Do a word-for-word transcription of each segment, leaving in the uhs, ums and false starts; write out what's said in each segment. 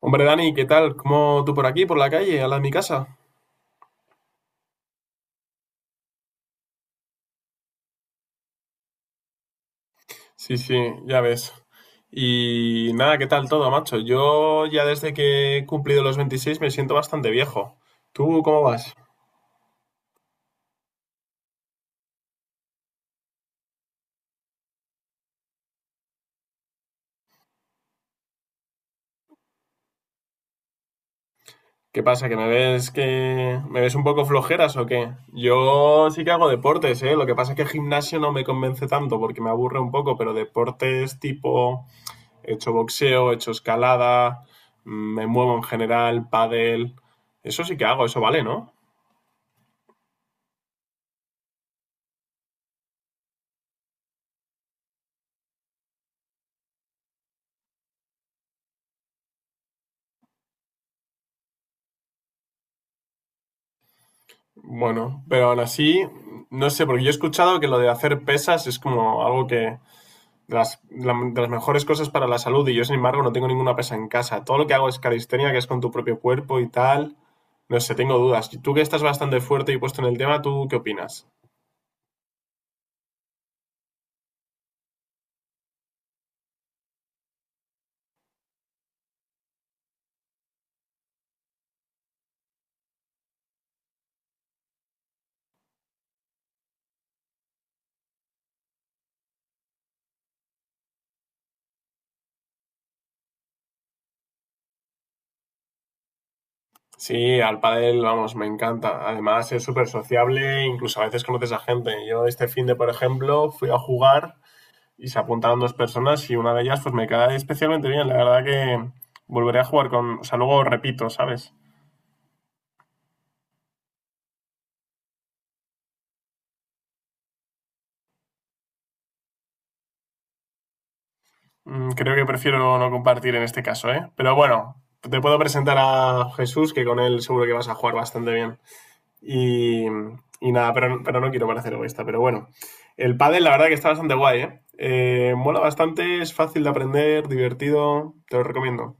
Hombre, Dani, ¿qué tal? ¿Cómo tú por aquí, por la calle, al lado de mi casa? Sí, sí, ya ves. Y nada, ¿qué tal todo, macho? Yo ya desde que he cumplido los veintiséis me siento bastante viejo. ¿Tú cómo vas? ¿Qué pasa? ¿Que me ves que me ves un poco flojeras o qué? Yo sí que hago deportes, ¿eh? Lo que pasa es que gimnasio no me convence tanto porque me aburre un poco, pero deportes tipo he hecho boxeo, he hecho escalada, mm, me muevo en general, pádel, eso sí que hago, eso vale, ¿no? Bueno, pero aún así, no sé, porque yo he escuchado que lo de hacer pesas es como algo que de las, la- de las mejores cosas para la salud y yo, sin embargo, no tengo ninguna pesa en casa. Todo lo que hago es calistenia, que es con tu propio cuerpo y tal. No sé, tengo dudas. Y tú que estás bastante fuerte y puesto en el tema, ¿tú qué opinas? Sí, al pádel, vamos, me encanta. Además, es súper sociable, incluso a veces conoces a gente. Yo este fin de, por ejemplo, fui a jugar y se apuntaron dos personas y una de ellas pues me cae especialmente bien. La verdad que volveré a jugar con. O sea, luego repito, ¿sabes? Mm, Creo que prefiero no compartir en este caso, ¿eh? Pero bueno, te puedo presentar a Jesús, que con él seguro que vas a jugar bastante bien. Y, y nada, pero, pero no quiero parecer egoísta, pero bueno. El pádel la verdad que está bastante guay, ¿eh? Eh, mola bastante, es fácil de aprender, divertido, te lo recomiendo.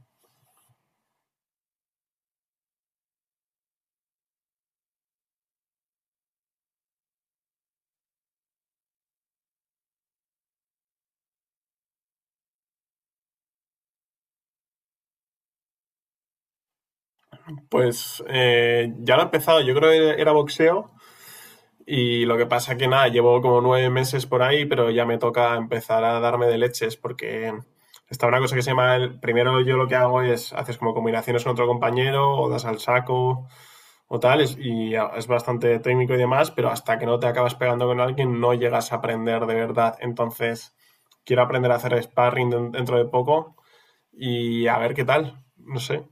Pues eh, ya lo he empezado, yo creo que era boxeo. Y lo que pasa que nada, llevo como nueve meses por ahí, pero ya me toca empezar a darme de leches porque está una cosa que se llama, el, primero yo lo que hago es, haces como combinaciones con otro compañero o das al saco o tal, es- y es bastante técnico y demás, pero hasta que no te acabas pegando con alguien no llegas a aprender de verdad. Entonces, quiero aprender a hacer sparring dentro de poco y a ver qué tal, no sé.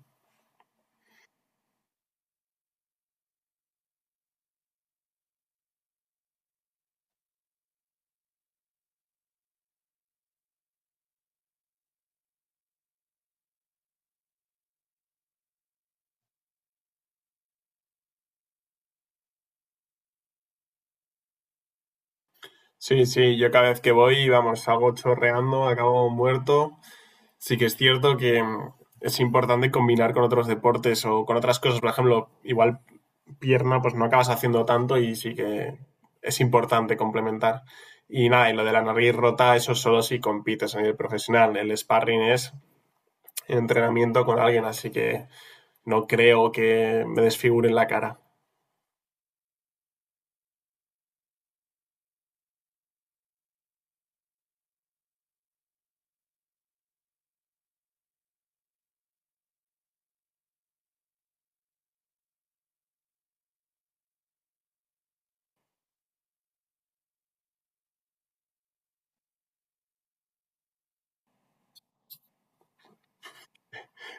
Sí, sí, yo cada vez que voy, vamos, salgo chorreando, acabo muerto. Sí que es cierto que mm, es importante combinar con otros deportes o con otras cosas. Por ejemplo, igual pierna, pues no acabas haciendo tanto y sí que es importante complementar. Y nada, y lo de la nariz rota, eso solo si compites a nivel profesional. El sparring es entrenamiento con alguien, así que no creo que me desfiguren la cara.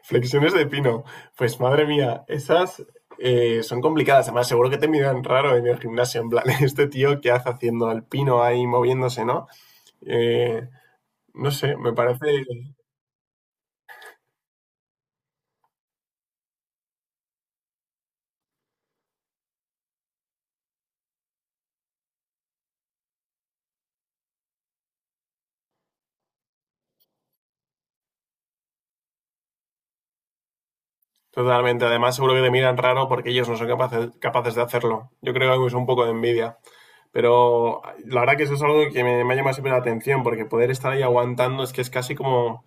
Flexiones de pino. Pues madre mía, esas eh, son complicadas. Además, seguro que te miran raro en el gimnasio. En plan, este tío, ¿qué hace haciendo el pino ahí moviéndose, no? Eh, no sé, me parece totalmente. Además, seguro que te miran raro porque ellos no son capaces, capaces de hacerlo. Yo creo que es un poco de envidia. Pero la verdad que eso es algo que me, me ha llamado siempre la atención, porque poder estar ahí aguantando es que es casi como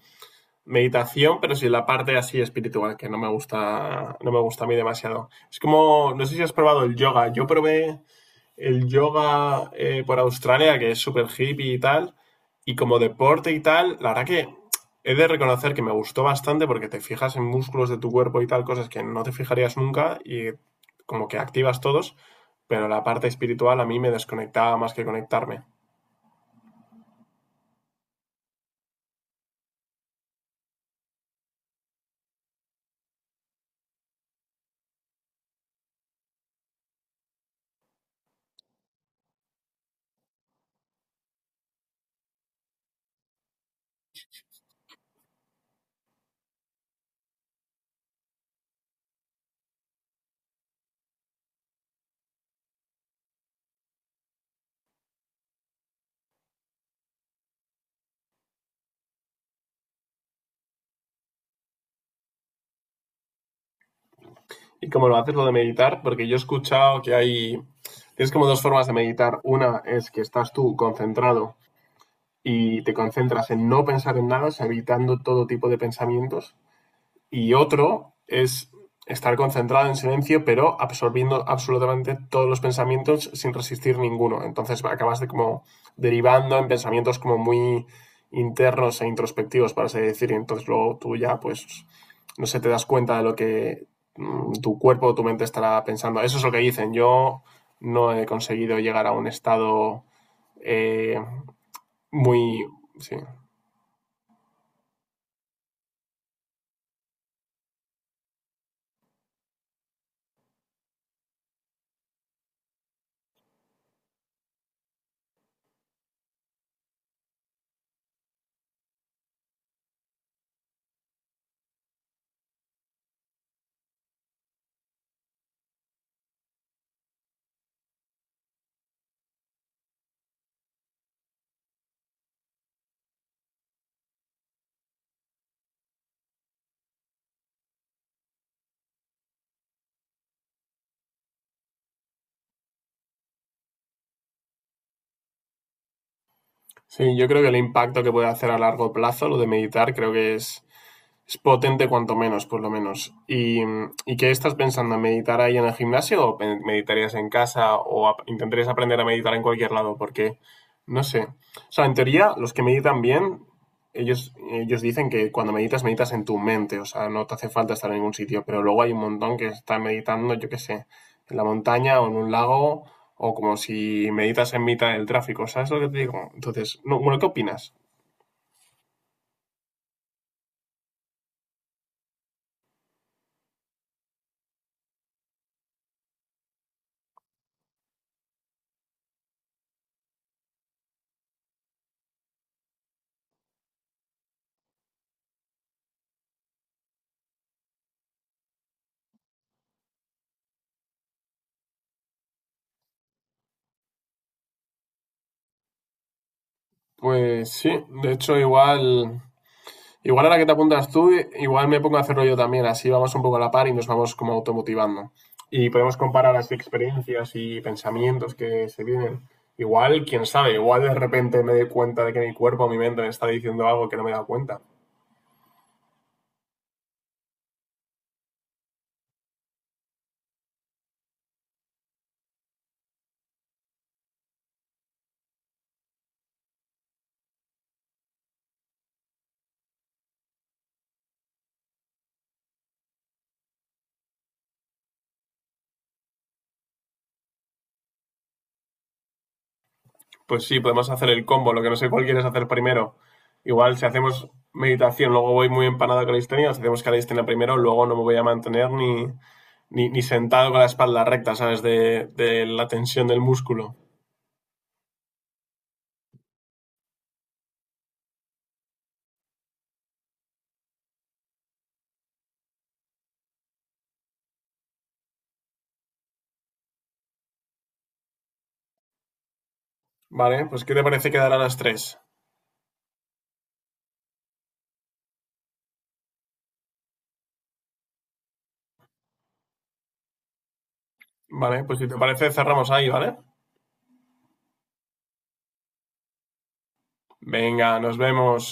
meditación, pero sin la parte así espiritual, que no me gusta, no me gusta a mí demasiado. Es como, no sé si has probado el yoga. Yo probé el yoga eh, por Australia, que es súper hippie y tal, y como deporte y tal, la verdad que he de reconocer que me gustó bastante porque te fijas en músculos de tu cuerpo y tal, cosas que no te fijarías nunca y como que activas todos, pero la parte espiritual a mí me desconectaba más que conectarme. Y como lo haces lo de meditar, porque yo he escuchado que hay, tienes como dos formas de meditar. Una es que estás tú concentrado y te concentras en no pensar en nada, o sea, evitando todo tipo de pensamientos. Y otro es estar concentrado en silencio, pero absorbiendo absolutamente todos los pensamientos sin resistir ninguno. Entonces acabas de como derivando en pensamientos como muy internos e introspectivos, para así decir, y entonces luego tú ya, pues, no sé, te das cuenta de lo que mm, tu cuerpo o tu mente estará pensando. Eso es lo que dicen. Yo no he conseguido llegar a un estado eh, muy. Sí. Sí, yo creo que el impacto que puede hacer a largo plazo lo de meditar creo que es Es potente cuanto menos, por lo menos. ¿Y, y qué estás pensando? ¿Meditar ahí en el gimnasio o pe- meditarías en casa o ap- intentarías aprender a meditar en cualquier lado? Porque, no sé. O sea, en teoría, los que meditan bien, ellos, ellos dicen que cuando meditas, meditas en tu mente. O sea, no te hace falta estar en ningún sitio. Pero luego hay un montón que están meditando, yo qué sé, en la montaña o en un lago o como si meditas en mitad del tráfico. ¿Sabes lo que te digo? Entonces, no, bueno, ¿qué opinas? Pues sí, de hecho, igual Igual ahora que te apuntas tú, igual me pongo a hacerlo yo también, así vamos un poco a la par y nos vamos como automotivando. Y podemos comparar las experiencias y pensamientos que se vienen. Igual, quién sabe, igual de repente me doy cuenta de que mi cuerpo, mi mente me está diciendo algo que no me he dado cuenta. Pues sí, podemos hacer el combo, lo que no sé cuál quieres hacer primero. Igual si hacemos meditación, luego voy muy empanado con la calistenia, si hacemos calistenia primero, luego no me voy a mantener ni, ni, ni sentado con la espalda recta, ¿sabes? De, de la tensión del músculo. Vale, pues ¿qué te parece quedar a las tres? Vale, pues si te parece cerramos ahí, ¿vale? Venga, nos vemos.